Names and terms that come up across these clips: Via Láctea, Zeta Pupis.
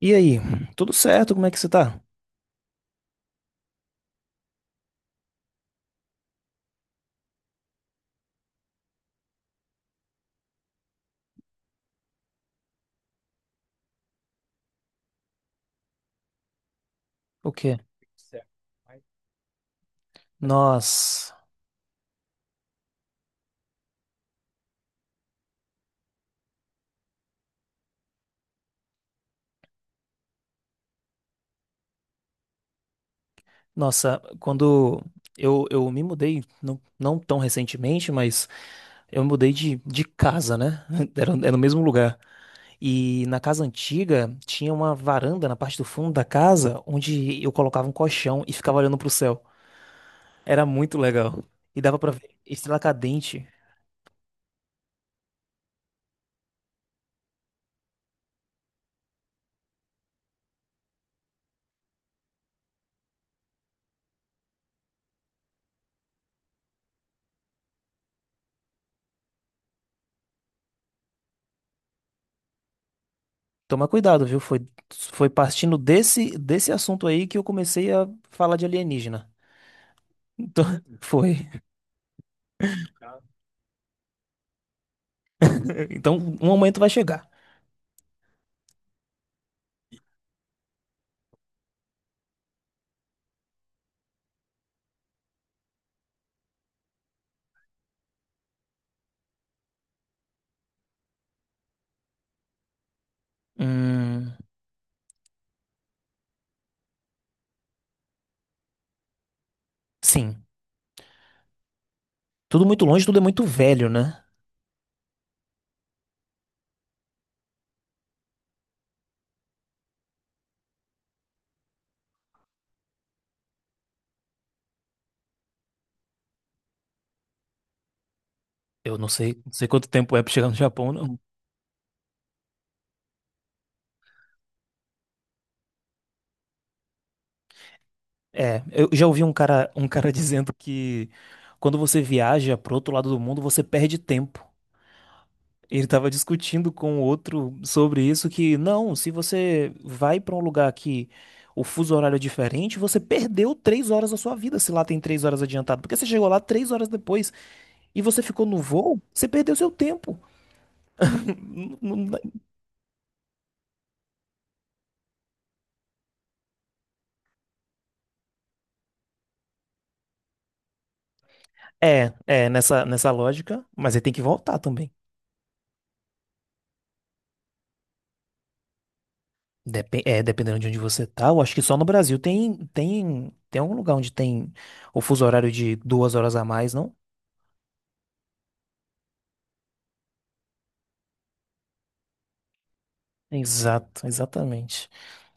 E aí, tudo certo? Como é que você tá? O quê? Nós, nossa, quando eu me mudei, não tão recentemente, mas eu me mudei de casa, né? Era no mesmo lugar. E na casa antiga tinha uma varanda na parte do fundo da casa onde eu colocava um colchão e ficava olhando pro céu. Era muito legal. E dava pra ver estrela cadente. Toma cuidado, viu? Foi partindo desse assunto aí que eu comecei a falar de alienígena. Então, foi. Então, um momento vai chegar. Hum, sim. Tudo muito longe, tudo é muito velho, né? Eu não sei, não sei quanto tempo é pra chegar no Japão, não. É, eu já ouvi um cara dizendo que quando você viaja pro outro lado do mundo, você perde tempo. Ele tava discutindo com outro sobre isso, que não, se você vai pra um lugar que o fuso horário é diferente, você perdeu 3 horas da sua vida se lá tem 3 horas adiantado. Porque você chegou lá 3 horas depois e você ficou no voo, você perdeu seu tempo. É, é, nessa lógica, mas aí tem que voltar também. Dependendo de onde você tá, eu acho que só no Brasil tem, tem algum lugar onde tem o fuso horário de 2 horas a mais, não? Exato, exatamente.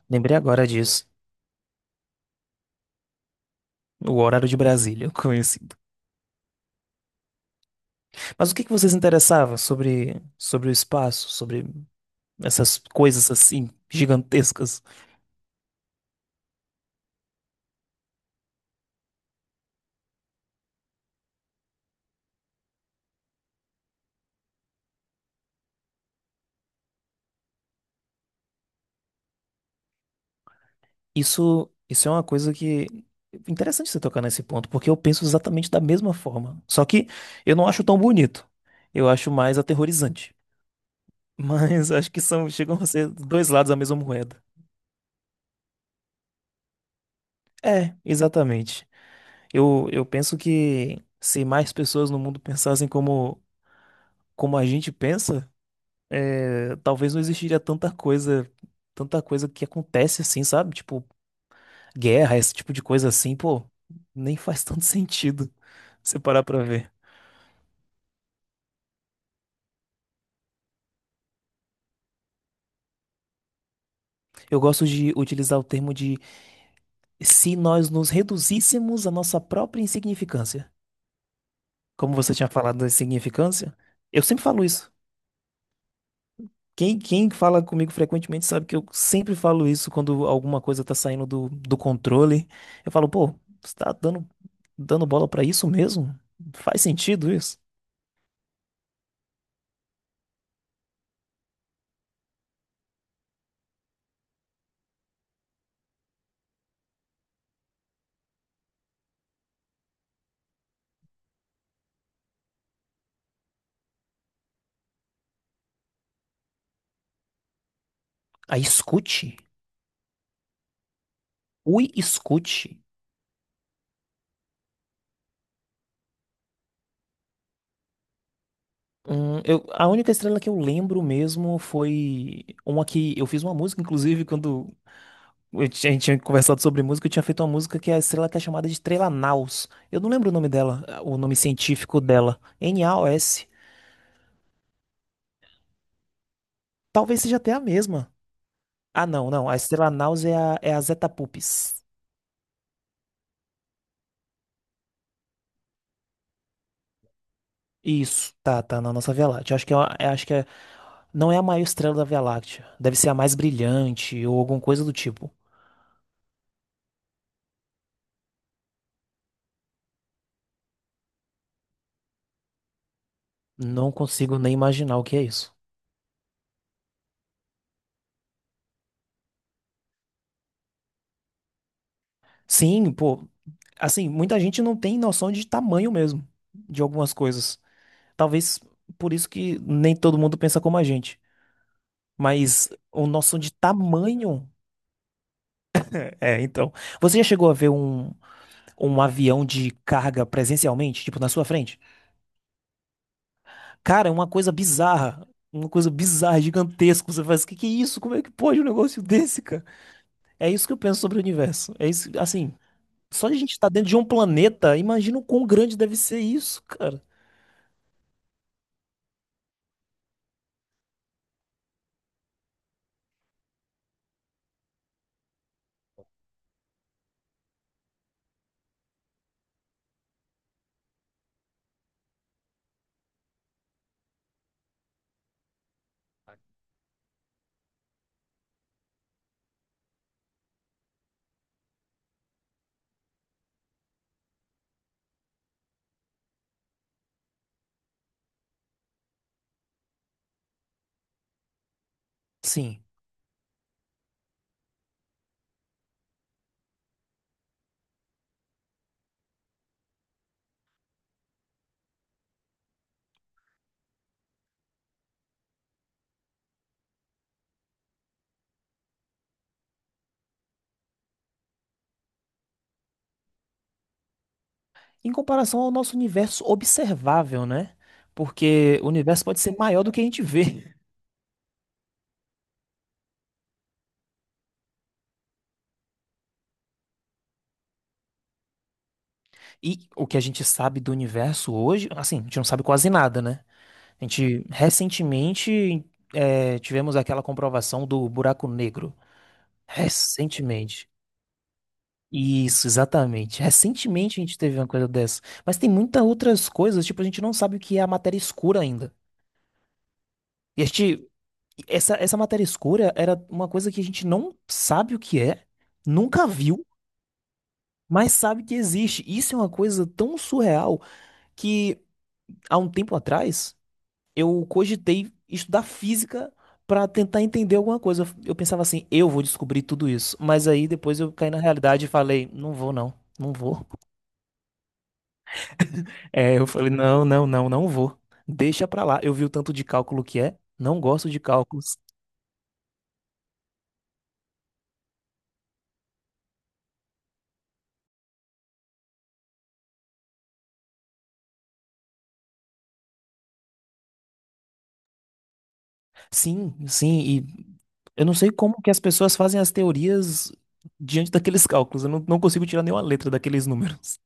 Lembrei agora disso. O horário de Brasília, conhecido. Mas o que que vocês interessavam sobre, sobre o espaço, sobre essas coisas assim gigantescas? Isso é uma coisa que. Interessante você tocar nesse ponto, porque eu penso exatamente da mesma forma. Só que eu não acho tão bonito. Eu acho mais aterrorizante. Mas acho que são, chegam a ser dois lados da mesma moeda. É, exatamente. Eu penso que se mais pessoas no mundo pensassem como a gente pensa, é, talvez não existiria tanta coisa que acontece assim, sabe? Tipo, guerra, esse tipo de coisa assim, pô, nem faz tanto sentido você parar pra ver. Eu gosto de utilizar o termo de se nós nos reduzíssemos à nossa própria insignificância. Como você tinha falado da insignificância, eu sempre falo isso. Quem fala comigo frequentemente sabe que eu sempre falo isso quando alguma coisa tá saindo do controle. Eu falo, pô, você tá dando bola pra isso mesmo? Faz sentido isso? Aí escute. Ui, escute. A única estrela que eu lembro mesmo foi uma que eu fiz uma música, inclusive, quando a gente tinha conversado sobre música, eu tinha feito uma música que a estrela que é chamada de Estrela Naus. Eu não lembro o nome dela, o nome científico dela. NAOS. Talvez seja até a mesma. Ah, não, não. A Estrela Naus é a, é a Zeta Pupis. Isso, tá, tá na nossa Via Láctea. Acho que é, não é a maior estrela da Via Láctea. Deve ser a mais brilhante ou alguma coisa do tipo. Não consigo nem imaginar o que é isso. Sim, pô, assim, muita gente não tem noção de tamanho mesmo de algumas coisas. Talvez por isso que nem todo mundo pensa como a gente. Mas o noção de tamanho. É, então. Você já chegou a ver um, um avião de carga presencialmente, tipo, na sua frente? Cara, é uma coisa bizarra. Uma coisa bizarra, gigantesca. Você faz, que é isso? Como é que pode um negócio desse, cara? É isso que eu penso sobre o universo. É isso, assim, só de a gente estar dentro de um planeta, imagina o quão grande deve ser isso, cara. Sim. Em comparação ao nosso universo observável, né? Porque o universo pode ser maior do que a gente vê. E o que a gente sabe do universo hoje, assim, a gente não sabe quase nada, né? A gente recentemente tivemos aquela comprovação do buraco negro. Recentemente. Isso, exatamente. Recentemente a gente teve uma coisa dessa. Mas tem muitas outras coisas, tipo, a gente não sabe o que é a matéria escura ainda. E a gente, essa matéria escura era uma coisa que a gente não sabe o que é, nunca viu. Mas sabe que existe. Isso é uma coisa tão surreal que há um tempo atrás eu cogitei estudar física para tentar entender alguma coisa. Eu pensava assim, eu vou descobrir tudo isso. Mas aí depois eu caí na realidade e falei, não vou não, não vou. É, eu falei, não, não, não, não vou. Deixa pra lá. Eu vi o tanto de cálculo que é. Não gosto de cálculos. Sim, sim, e eu não sei como que as pessoas fazem as teorias diante daqueles cálculos. Eu não consigo tirar nenhuma letra daqueles números.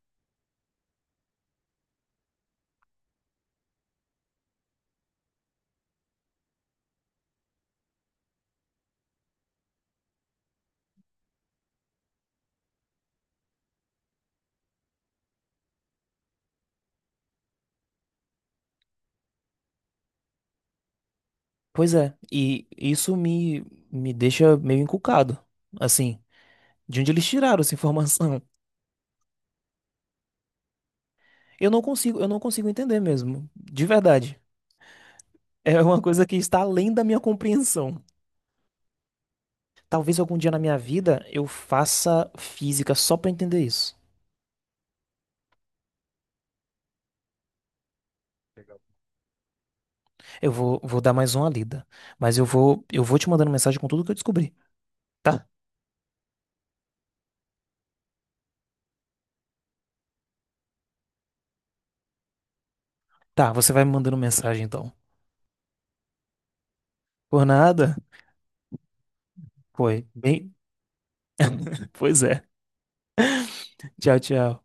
Pois é, e isso me deixa meio encucado, assim, de onde eles tiraram essa informação? Eu não consigo entender mesmo, de verdade. É uma coisa que está além da minha compreensão. Talvez algum dia na minha vida eu faça física só para entender isso. Eu vou dar mais uma lida, mas eu vou te mandando mensagem com tudo que eu descobri, tá? Tá, você vai me mandando mensagem então. Por nada? Foi. Bem, pois é. Tchau, tchau.